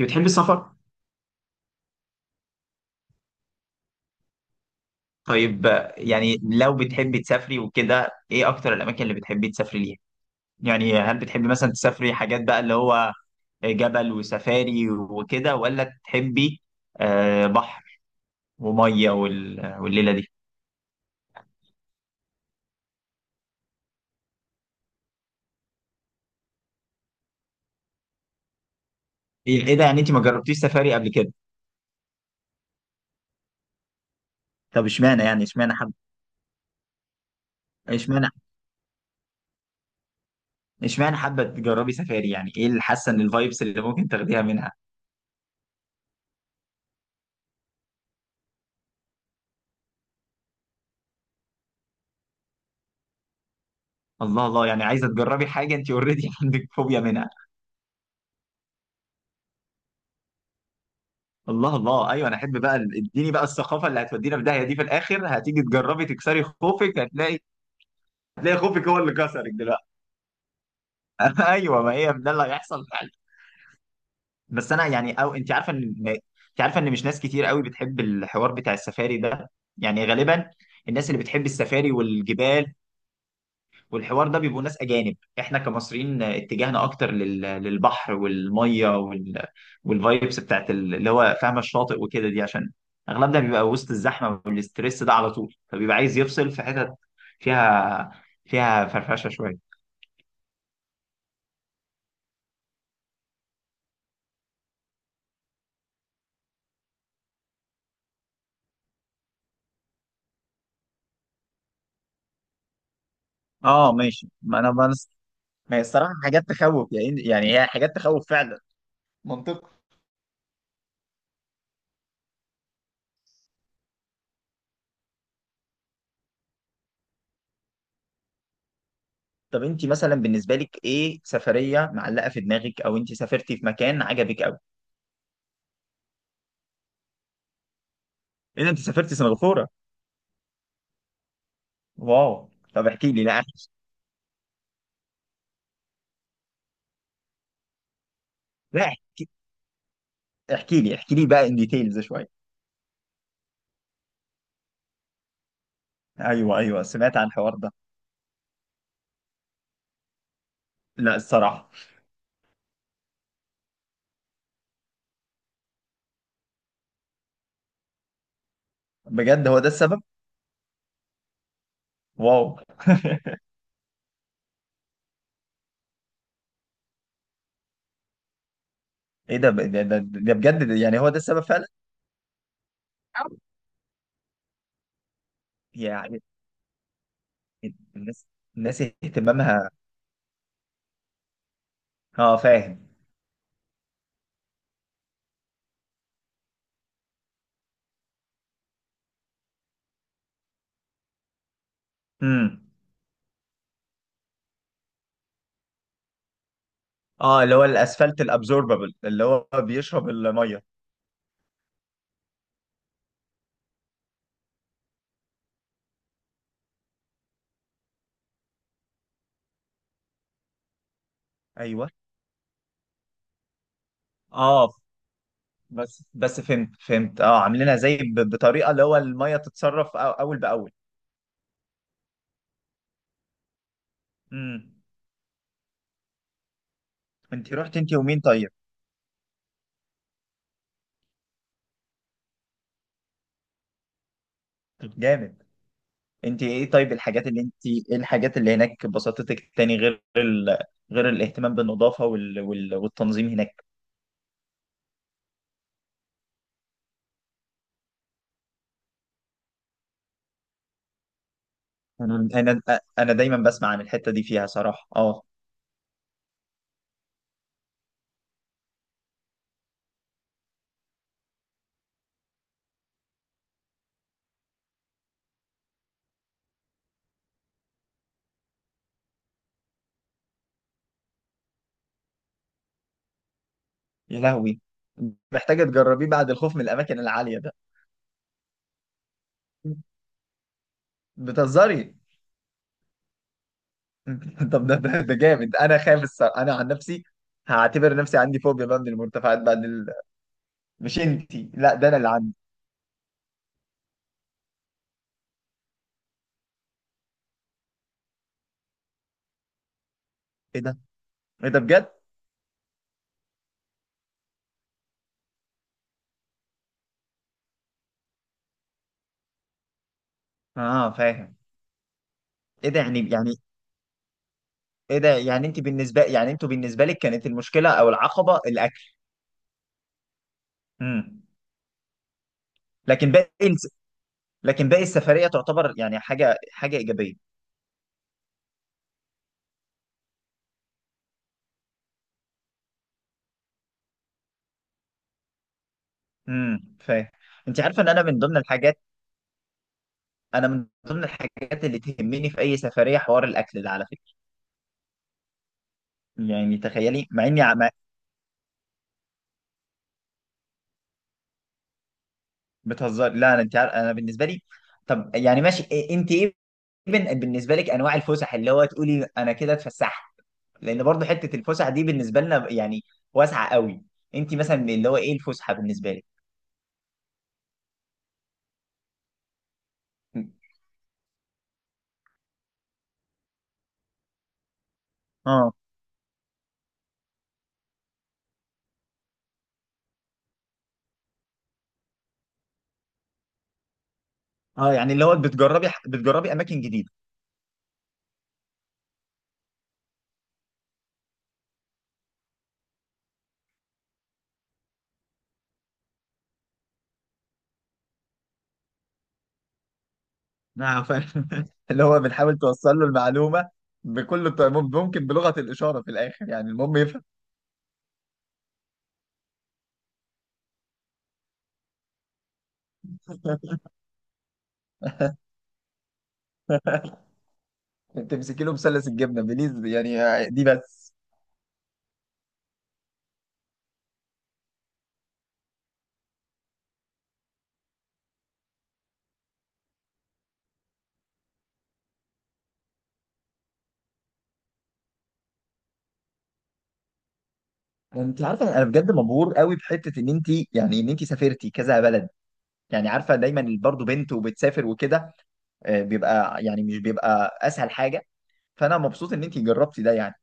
انت بتحبي السفر؟ طيب آه، لو بتحبي تسافري وكده ايه اكتر الاماكن اللي بتحبي تسافري ليها؟ هل بتحبي مثلا تسافري حاجات بقى اللي هو جبل وسفاري وكده، ولا تحبي آه بحر وميه والليله دي؟ إيه ده، يعني انت ما جربتيش سفاري قبل كده؟ طب اشمعنى، يعني اشمعنى حب اشمعنى اشمعنى حابه تجربي سفاري؟ يعني ايه اللي حاسه ان الفايبس اللي ممكن تاخديها منها؟ الله الله، يعني عايزه تجربي حاجه انت اوريدي عندك فوبيا منها. الله الله، ايوه انا احب بقى، اديني بقى الثقافه اللي هتودينا في داهيه دي في الاخر. هتيجي تجربي تكسري خوفك، هتلاقي هتلاقي خوفك هو اللي كسرك دلوقتي. ايوه، ما هي ده اللي هيحصل فعلا. بس انا يعني، او انت عارفه، ان مش ناس كتير قوي بتحب الحوار بتاع السفاري ده. يعني غالبا الناس اللي بتحب السفاري والجبال والحوار ده بيبقوا ناس اجانب. احنا كمصريين اتجاهنا اكتر للبحر والميه والفايبس بتاعت اللي هو فاهمه الشاطئ وكده، دي عشان اغلبنا بيبقى وسط الزحمه والاسترس ده على طول، فبيبقى عايز يفصل في حتت فيها فرفشه شويه. اه ماشي، ما انا بس، ما هي الصراحه حاجات تخوف، يعني هي حاجات تخوف فعلا. منطقي. طب انت مثلا بالنسبه لك، ايه سفريه معلقه في دماغك، او انت سافرتي في مكان عجبك قوي؟ ايه ده، انت سافرتي سنغافوره؟ واو. طب احكي لي، لا لا احكي، احكي لي احكي لي بقى ان ديتيلز شويه. ايوه ايوه، سمعت عن الحوار ده. لا الصراحه. بجد، هو ده السبب؟ واو. ايه ده، ده بجد، ده يعني هو ده السبب فعلا؟ يعني الناس، الناس اهتمامها، اه فاهم. امم. اه، اللي هو الاسفلت الابزوربابل اللي هو بيشرب الميه. ايوه. اه بس فهمت فهمت، اه عاملينها زي بطريقه اللي هو الميه تتصرف اول باول. امم. انت رحت انت ومين طيب؟ جامد. انت ايه طيب الحاجات اللي انت ايه الحاجات اللي هناك بسطتك تاني غير غير الاهتمام بالنظافة والتنظيم هناك؟ انا انا انا دايما بسمع عن الحتة دي، فيها صراحة اه. يا لهوي، محتاجة تجربيه بعد الخوف من الاماكن العالية ده. بتهزري؟ طب ده ده ده جامد، انا خايف الصراحة، انا عن نفسي هعتبر نفسي عندي فوبيا بقى من المرتفعات بعد مش انتي لا، ده انا اللي عندي. ايه ده، ايه ده بجد؟ اه فاهم. ايه ده يعني، يعني ايه ده، يعني انت بالنسبه، يعني انتوا بالنسبه لك كانت المشكله او العقبه الاكل؟ امم. لكن باقي الس... لكن باقي السفريه تعتبر يعني حاجه حاجه ايجابيه. فاهم. انت عارفه ان انا من ضمن الحاجات انا من ضمن الحاجات اللي تهمني في اي سفريه حوار الاكل ده على فكره. يعني تخيلي مع اني بتهزر، لا انا، انت عارف انا بالنسبه لي. طب يعني ماشي، بالنسبه لك انواع الفسح اللي هو تقولي انا كده اتفسحت؟ لان برضه حته الفسحه دي بالنسبه لنا يعني واسعه قوي. انت مثلا اللي هو ايه الفسحه بالنسبه لك؟ اه، اه يعني اللي هو بتجربي اماكن جديده. نعم فاهم. اللي هو بنحاول توصل له المعلومه بكل الط- ممكن بلغه الاشاره في الاخر، يعني المهم يفهم. تمسكي له مثلث الجبنه بليز يعني، آه، دي بس. انت عارفه انا بجد مبهور قوي بحته ان انت، يعني ان انت سافرتي كذا بلد. يعني عارفه دايما برضه بنت وبتسافر وكده، آه، بيبقى يعني مش بيبقى اسهل حاجه. فانا مبسوط ان انت جربتي ده يعني.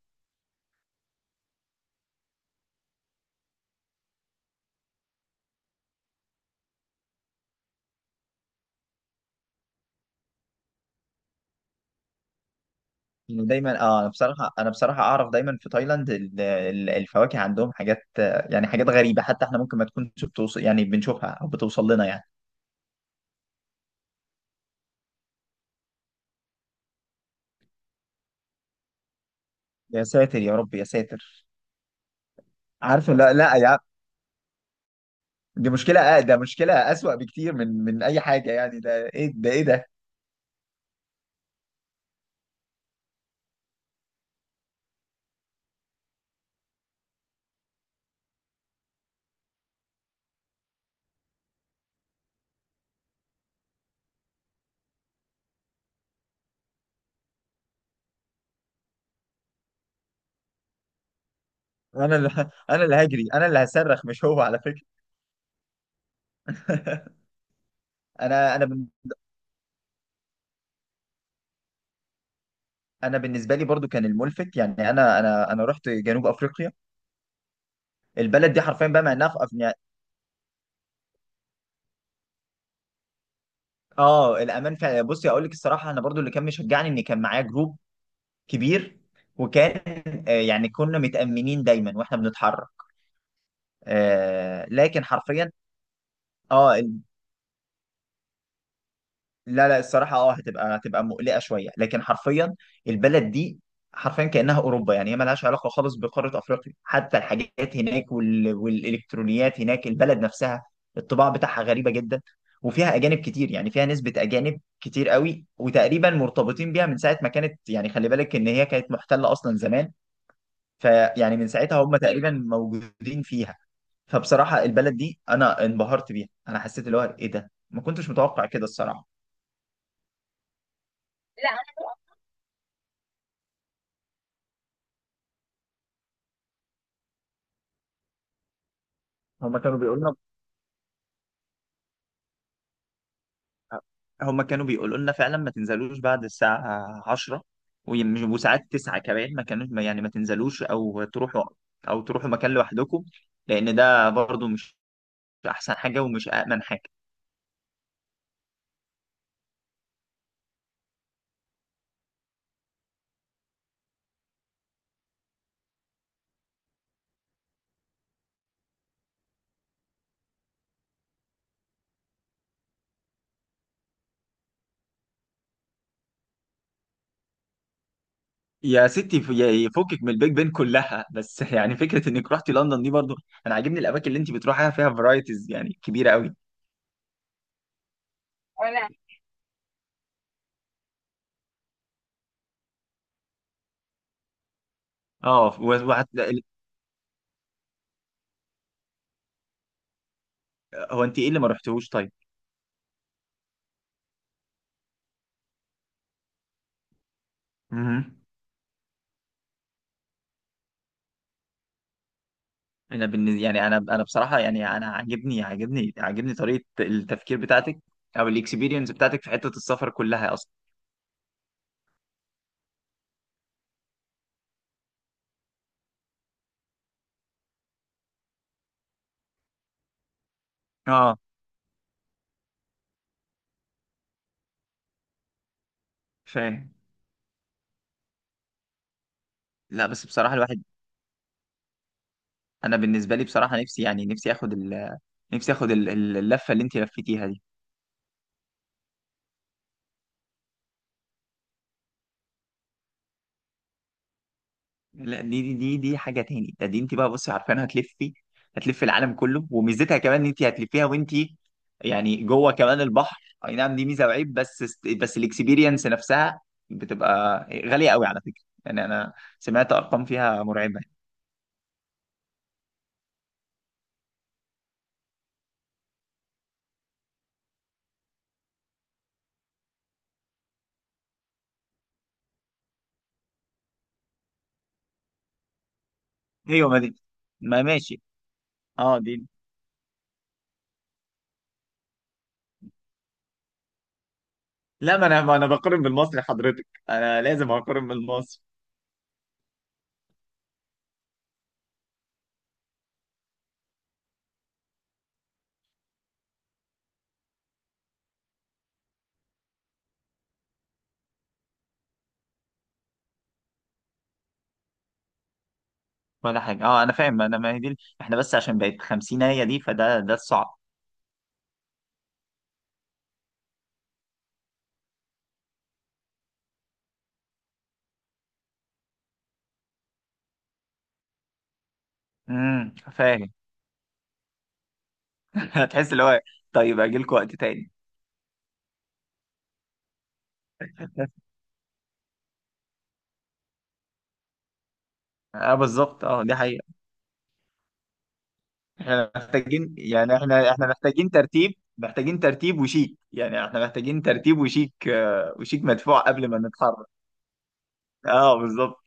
يعني دايما اه، انا بصراحه، انا بصراحه اعرف دايما في تايلاند الفواكه عندهم حاجات آه، يعني حاجات غريبه، حتى احنا ممكن ما تكونش بتوصل، يعني بنشوفها او بتوصل لنا يعني. يا ساتر يا رب يا ساتر. عارفه لا لا يا، دي مشكله آه، ده مشكله اسوأ بكتير من اي حاجه، يعني ده ايه ده، ايه ده. انا اللي انا اللي هجري، انا اللي هصرخ مش هو على فكره. انا انا بن- انا بالنسبه لي برضو كان الملفت، يعني انا رحت جنوب افريقيا. البلد دي حرفيا بقى مع انها في اه الامان فعلا. بصي اقول لك الصراحه، انا برضو اللي كان مشجعني ان كان معايا جروب كبير، وكان آه، يعني كنا متامنين دايما واحنا بنتحرك. آه، لكن حرفيا، اه لا لا الصراحة اه، هتبقى مقلقة شوية، لكن حرفيا البلد دي حرفيا كأنها أوروبا. يعني هي ملهاش علاقة خالص بقارة أفريقيا، حتى الحاجات هناك والإلكترونيات هناك، البلد نفسها الطباع بتاعها غريبة جدا، وفيها أجانب كتير، يعني فيها نسبة أجانب كتير قوي، وتقريبا مرتبطين بيها من ساعة ما كانت. يعني خلي بالك إن هي كانت محتلة أصلا زمان، فيعني من ساعتها هم تقريبا موجودين فيها. فبصراحة البلد دي أنا انبهرت بيها، أنا حسيت اللي هو إيه ده، ما كنتش متوقع كده الصراحة. هما كانوا بيقولوا لنا هما كانوا بيقولوا لنا فعلا ما تنزلوش بعد الساعة 10، وساعات 9 كمان ما كانوش، يعني ما تنزلوش او تروحوا مكان لوحدكم، لان ده برضو مش احسن حاجة ومش امن حاجة. يا ستي يفكك من البيج بين كلها بس. يعني فكرة انك رحتي لندن دي برضو، انا عاجبني الاماكن اللي انت بتروحيها، فيها فرايتيز يعني كبيرة قوي. انا اه هو انت ايه اللي ما رحتوش طيب؟ مهم. انا بالنسبه يعني، انا انا بصراحه يعني انا عاجبني عاجبني طريقه التفكير بتاعتك او الاكسبيرينس بتاعتك في حته السفر كلها اصلا. اه فاهم. لا بس بصراحه الواحد، انا بالنسبه لي بصراحه نفسي يعني نفسي اخد اللفه اللي انت لفيتيها دي. لا دي دي حاجة تاني، ده دي انت بقى بصي عارفين، هتلفي العالم كله، وميزتها كمان ان انت هتلفيها وانت يعني جوه كمان البحر. اي نعم دي ميزة وعيب، بس الاكسبيرينس نفسها بتبقى غالية قوي على فكرة. يعني انا سمعت ارقام فيها مرعبة. ايوه ما دي، ما ماشي. اه دي، لا ما انا بقارن بالمصري، حضرتك انا لازم اقارن بالمصري. ولا حاجة. اه انا فاهم، انا ما هي دي احنا بس عشان بقت 50، هي دي فده ده الصعب. فاهم. هتحس اللي هو، طيب اجي لكم وقت تاني. اه بالظبط، اه دي حقيقة. احنا محتاجين يعني، احنا احنا محتاجين ترتيب، محتاجين ترتيب وشيك، يعني احنا محتاجين ترتيب وشيك آه، وشيك مدفوع قبل ما نتحرك. اه بالظبط.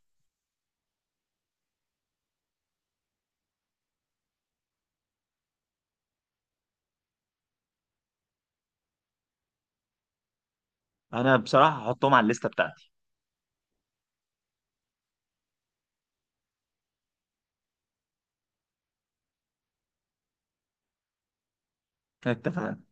انا بصراحة هحطهم على الليستة بتاعتي. اتفقنا.